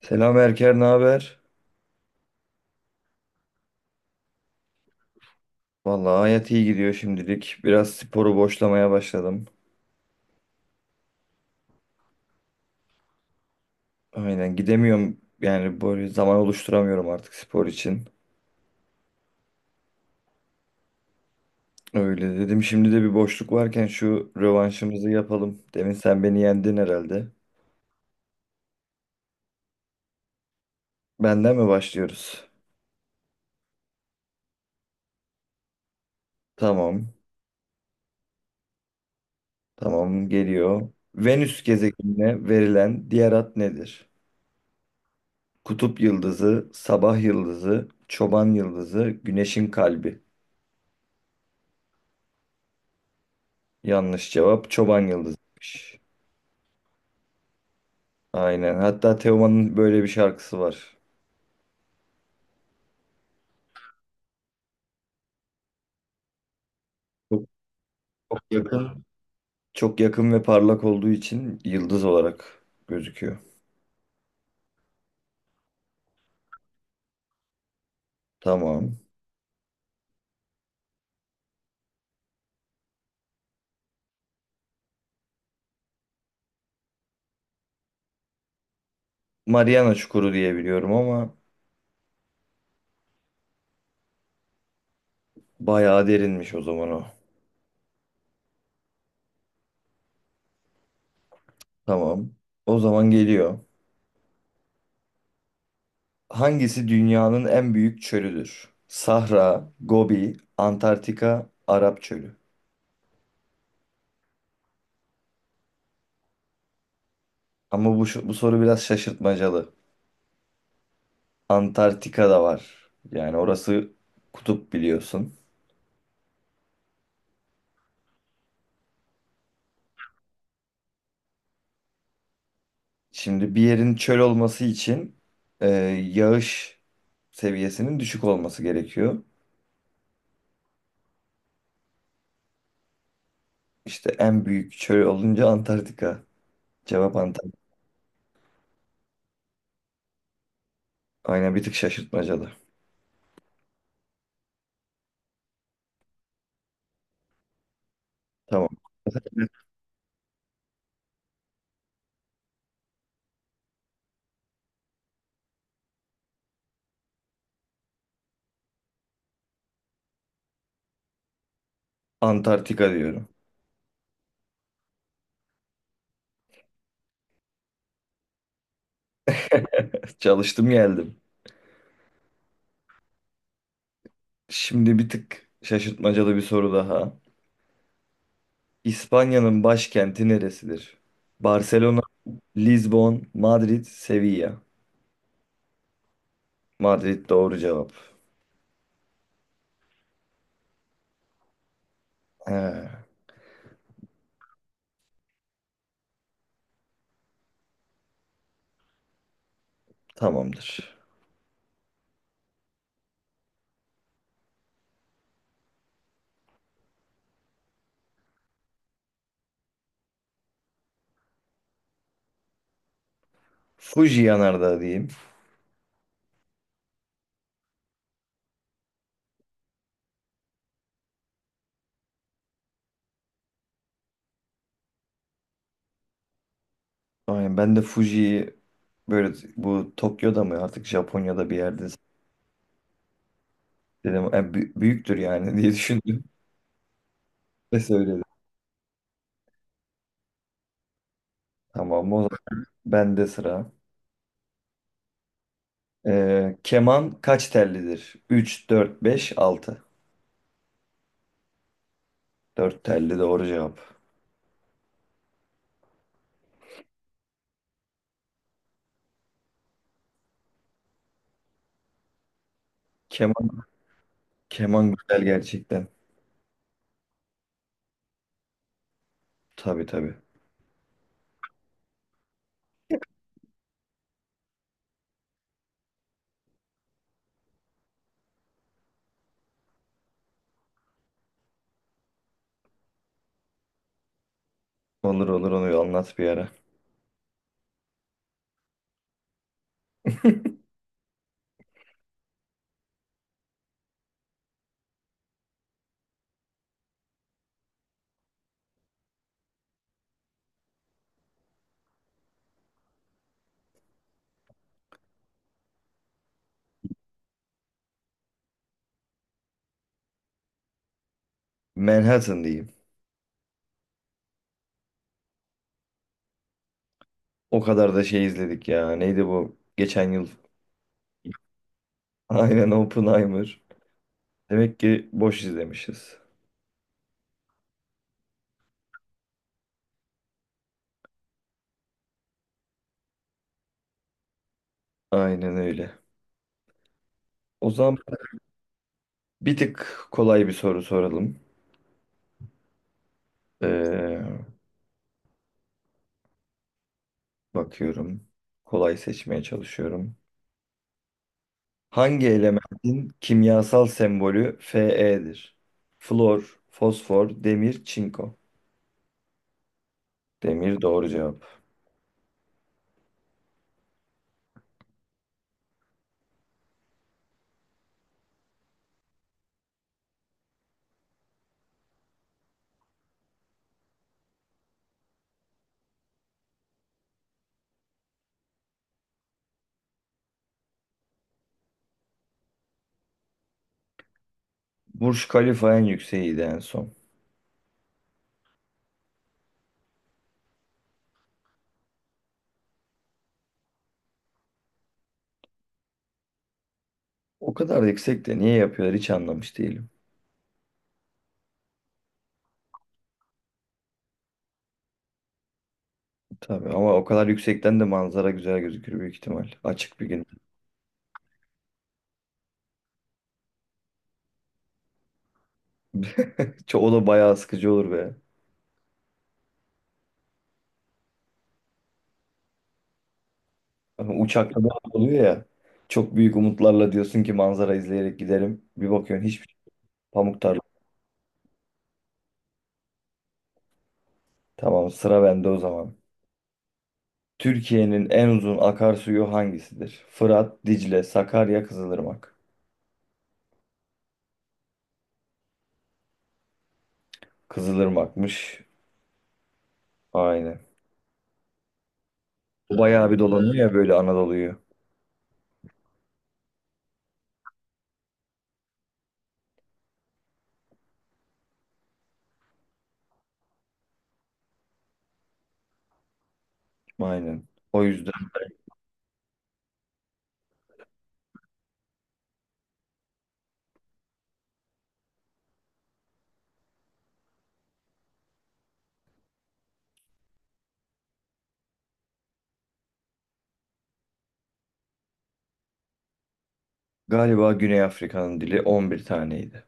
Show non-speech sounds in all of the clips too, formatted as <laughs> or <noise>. Selam Erker, ne haber? Vallahi hayat iyi gidiyor şimdilik. Biraz sporu boşlamaya başladım. Aynen gidemiyorum yani böyle zaman oluşturamıyorum artık spor için. Öyle dedim şimdi de bir boşluk varken şu rövanşımızı yapalım. Demin sen beni yendin herhalde. Benden mi başlıyoruz? Tamam, tamam geliyor. Venüs gezegenine verilen diğer ad nedir? Kutup yıldızı, sabah yıldızı, çoban yıldızı, güneşin kalbi. Yanlış cevap çoban yıldızıymış. Aynen. Hatta Teoman'ın böyle bir şarkısı var. Çok yakın. Çok yakın ve parlak olduğu için yıldız olarak gözüküyor. Tamam. Mariana Çukuru diye biliyorum ama bayağı derinmiş o zaman o. Tamam. O zaman geliyor. Hangisi dünyanın en büyük çölüdür? Sahra, Gobi, Antarktika, Arap Çölü. Ama bu soru biraz şaşırtmacalı. Antarktika da var. Yani orası kutup biliyorsun. Şimdi bir yerin çöl olması için e, yağış seviyesinin düşük olması gerekiyor. İşte en büyük çöl olunca Antarktika. Cevap Antarktika. Aynen bir tık şaşırtmacalı. Tamam. Antarktika diyorum. <laughs> Çalıştım geldim. Şimdi bir tık şaşırtmacalı bir soru daha. İspanya'nın başkenti neresidir? Barcelona, Lisbon, Madrid, Sevilla. Madrid doğru cevap. He, tamamdır. Fuji yanardağı diyeyim. Aynen ben de Fuji'yi böyle bu Tokyo'da mı artık Japonya'da bir yerde dedim, büyüktür yani <laughs> diye düşündüm ve söyledim. Tamam o zaman bende sıra. Keman kaç tellidir? 3, 4, 5, 6. 4 telli doğru cevap. Keman, keman güzel gerçekten. Tabii, tabii. Olur, olur, onu anlat bir ara. Manhattan diyeyim. O kadar da şey izledik ya. Neydi bu? Geçen yıl. <laughs> Aynen Oppenheimer. Demek ki boş izlemişiz. Aynen öyle. O zaman bir tık kolay bir soru soralım. Ee, bakıyorum. Kolay seçmeye çalışıyorum. Hangi elementin kimyasal sembolü Fe'dir? Flor, fosfor, demir, çinko. Demir doğru cevap. Burj Khalifa en yükseğiydi en son. O kadar yüksek de niye yapıyorlar hiç anlamış değilim. Tabii ama o kadar yüksekten de manzara güzel gözükür büyük ihtimal. Açık bir gün. <laughs> O da bayağı sıkıcı olur be. Ama uçakta da oluyor ya. Çok büyük umutlarla diyorsun ki manzara izleyerek giderim. Bir bakıyorsun hiçbir şey. Pamuk tarla. Tamam sıra bende o zaman. Türkiye'nin en uzun akarsuyu hangisidir? Fırat, Dicle, Sakarya, Kızılırmak. Kızılırmak'mış. Aynen. Bayağı bir dolanıyor ya böyle Anadolu'yu. Aynen. O yüzden galiba Güney Afrika'nın dili 11 taneydi.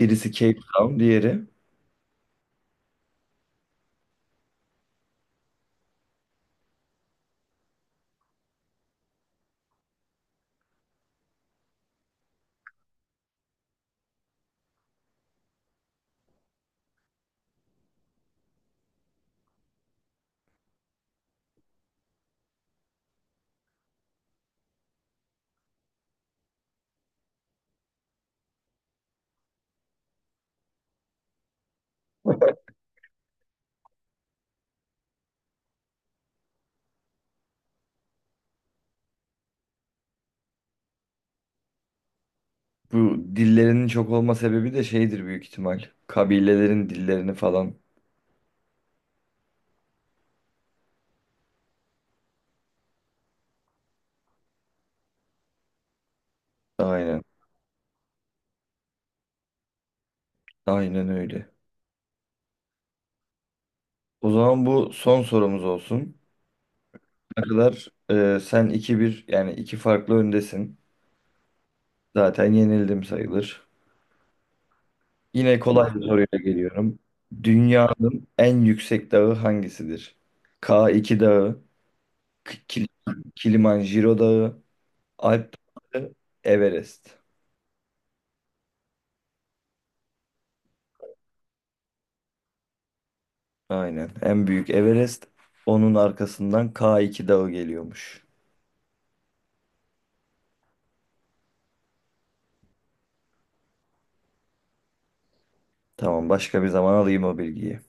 Birisi Cape Town, diğeri bu dillerinin çok olma sebebi de şeydir büyük ihtimal. Kabilelerin dillerini falan. Aynen. Aynen öyle. O zaman bu son sorumuz olsun. Ne kadar sen 2-1 yani iki farklı öndesin. Zaten yenildim sayılır. Yine kolay bir soruyla geliyorum. Dünyanın en yüksek dağı hangisidir? K2 Dağı, K- Kil- Kilimanjaro Dağı, Alp Dağı, Everest. Aynen. En büyük Everest. Onun arkasından K2 Dağı geliyormuş. Tamam, başka bir zaman alayım o bilgiyi.